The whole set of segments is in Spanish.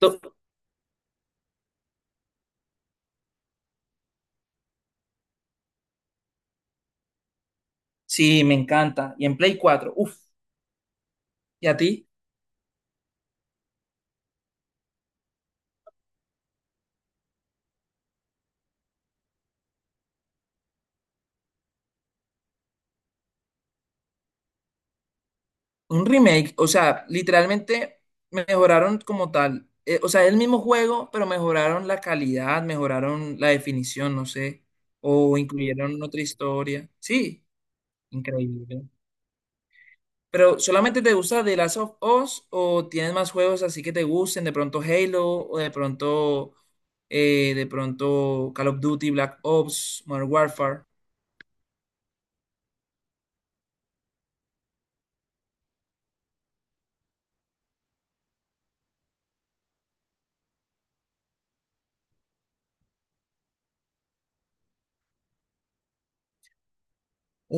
To- Sí, me encanta. Y en Play 4, uff, ¿y a ti? Un remake, o sea, literalmente mejoraron como tal. O sea, el mismo juego, pero mejoraron la calidad, mejoraron la definición, no sé, o incluyeron otra historia. Sí, increíble. Pero ¿solamente te gusta The Last of Us o tienes más juegos así que te gusten? De pronto Halo o de pronto Call of Duty, Black Ops, Modern Warfare.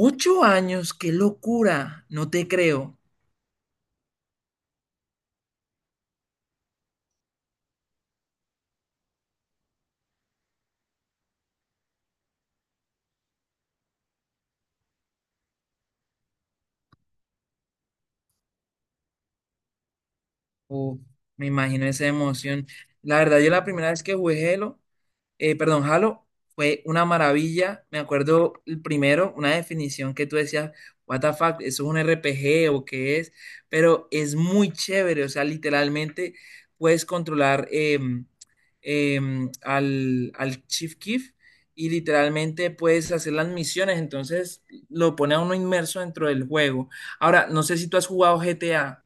Ocho años, qué locura, no te creo. Uf, me imagino esa emoción. La verdad, yo la primera vez que jugué Halo, perdón, Halo, fue una maravilla. Me acuerdo el primero, una definición que tú decías, what the fuck, ¿eso es un R P G o qué es? Pero es muy chévere, o sea, literalmente puedes controlar al Chief Keef y literalmente puedes hacer las misiones, entonces lo pone a uno inmerso dentro del juego. Ahora, no sé si tú has jugado G T A.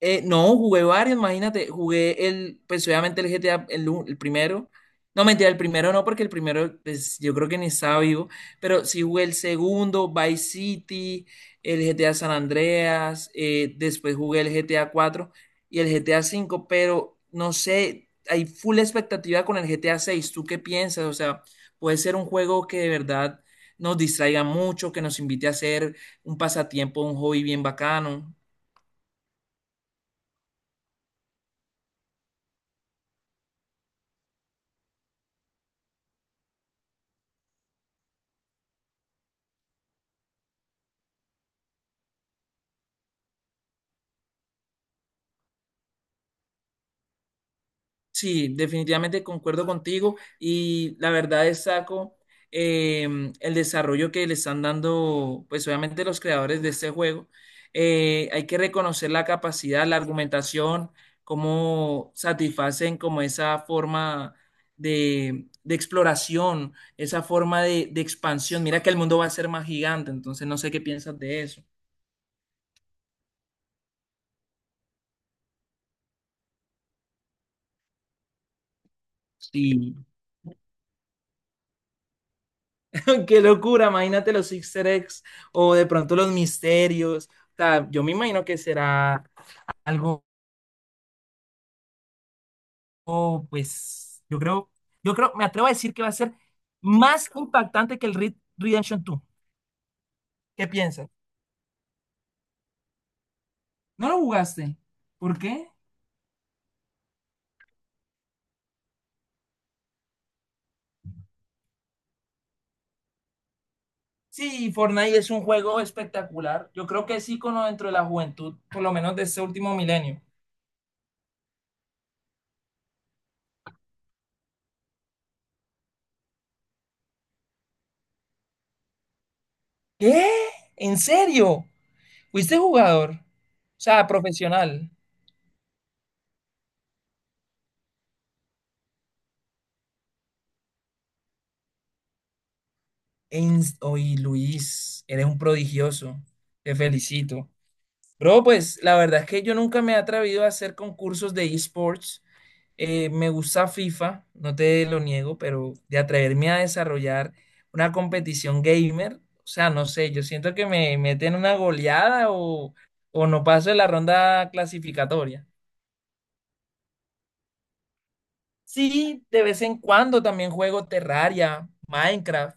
No, jugué varios, imagínate, jugué pues obviamente el GTA, el primero. No, mentira, el primero no, porque el primero, pues yo creo que ni estaba vivo, pero sí jugué el segundo, Vice City, el GTA San Andreas, después jugué el GTA 4 y el GTA 5, pero no sé, hay full expectativa con el GTA 6. ¿Tú qué piensas? O sea, puede ser un juego que de verdad nos distraiga mucho, que nos invite a hacer un pasatiempo, un hobby bien bacano. Sí, definitivamente concuerdo contigo y la verdad destaco el desarrollo que le están dando, pues obviamente los creadores de este juego. Hay que reconocer la capacidad, la argumentación, cómo satisfacen como esa forma de exploración, esa forma de expansión. Mira que el mundo va a ser más gigante, entonces no sé qué piensas de eso. Sí, qué locura, imagínate los Easter eggs o de pronto los misterios. O sea, yo me imagino que será algo, oh, pues, yo creo, me atrevo a decir que va a ser más impactante que el Red Redemption 2. ¿Qué piensas? ¿No lo jugaste? ¿Por qué? Sí, Fortnite es un juego espectacular. Yo creo que es ícono dentro de la juventud, por lo menos de este último milenio. ¿Qué? ¿En serio? ¿Fuiste jugador? O sea, profesional. Ens- Oye, Luis, eres un prodigioso. Te felicito. Bro, pues la verdad es que yo nunca me he atrevido a hacer concursos de esports. Me gusta FIFA, no te lo niego, pero de atreverme a desarrollar una competición gamer, o sea, no sé, yo siento que me meten una goleada o no paso de la ronda clasificatoria. Sí, de vez en cuando también juego Terraria, Minecraft,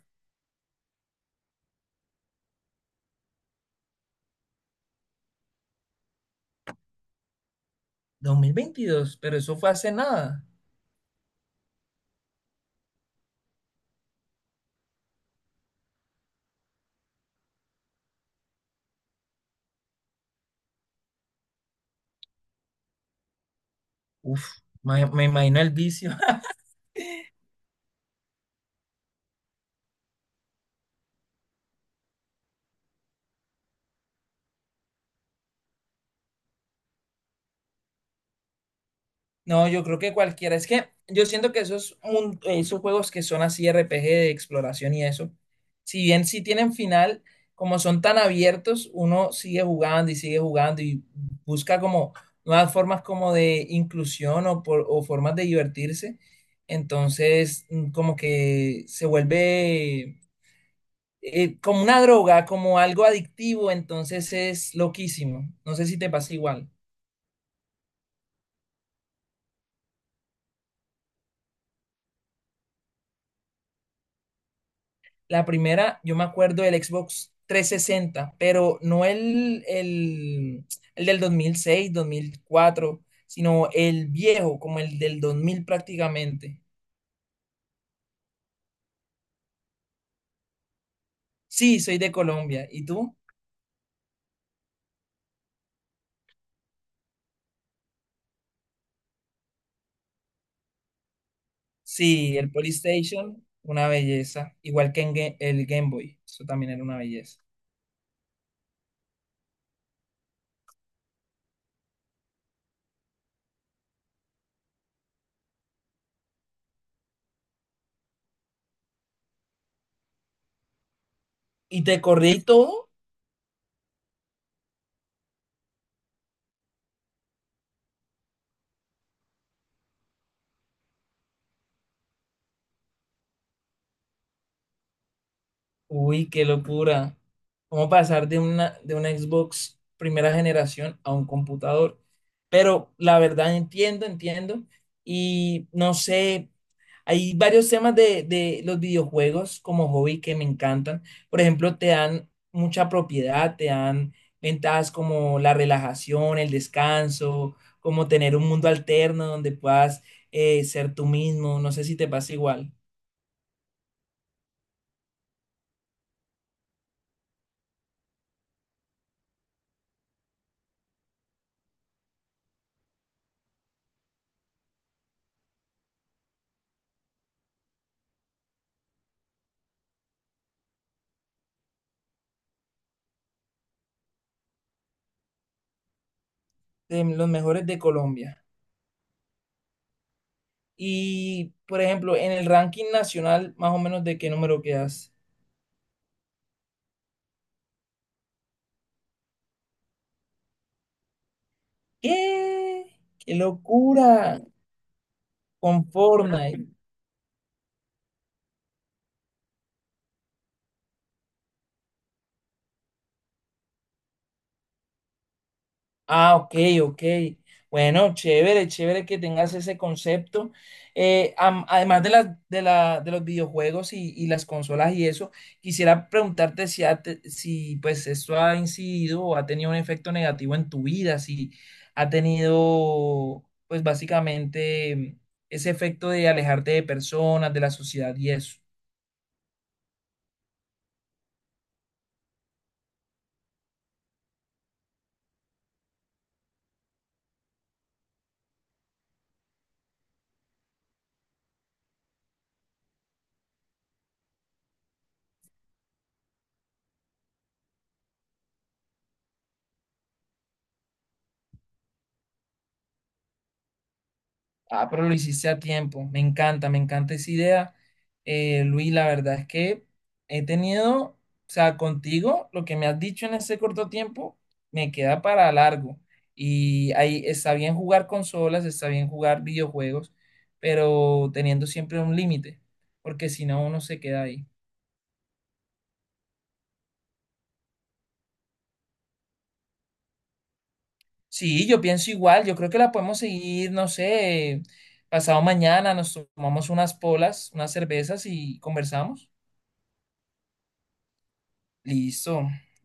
2022, pero eso fue hace nada. Uf, me imagino el vicio. No, yo creo que cualquiera. Es que yo siento que esos, mun- esos juegos que son así RPG de exploración y eso, si bien sí tienen final, como son tan abiertos, uno sigue jugando y busca como nuevas formas como de inclusión o, por- o formas de divertirse. Entonces, como que se vuelve como una droga, como algo adictivo, entonces es loquísimo. No sé si te pasa igual. La primera, yo me acuerdo del Xbox 360, pero no el del 2006, 2004, sino el viejo, como el del 2000 prácticamente. Sí, soy de Colombia. ¿Y tú? Sí, el PlayStation una belleza. Igual que en Ga- el Game Boy, eso también era una belleza. ¿Y te corrí todo? Uy, qué locura. ¿Cómo pasar de una Xbox primera generación a un computador? Pero la verdad entiendo, entiendo. Y no sé, hay varios temas de los videojuegos como hobby que me encantan. Por ejemplo, te dan mucha propiedad, te dan ventajas como la relajación, el descanso, como tener un mundo alterno donde puedas ser tú mismo. No sé si te pasa igual. De los mejores de Colombia. Y, por ejemplo, en el ranking nacional, más o menos, ¿de qué número quedas? ¿Qué? ¡Qué locura! Con Fortnite. Ah, ok, ok. Bueno, chévere, chévere que tengas ese concepto. Además de las de los videojuegos y las consolas y eso, quisiera preguntarte si, ha te- si pues esto ha incidido o ha tenido un efecto negativo en tu vida, si ha tenido pues básicamente ese efecto de alejarte de personas, de la sociedad y eso. Ah, pero lo hiciste a tiempo. Me encanta esa idea. Luis, la verdad es que he tenido, o sea, contigo, lo que me has dicho en ese corto tiempo, me queda para largo. Y ahí está bien jugar consolas, está bien jugar videojuegos, pero teniendo siempre un límite, porque si no, uno se queda ahí. Sí, yo pienso igual, yo creo que la podemos seguir, no sé, pasado mañana nos tomamos unas polas, unas cervezas y conversamos. Listo. Nos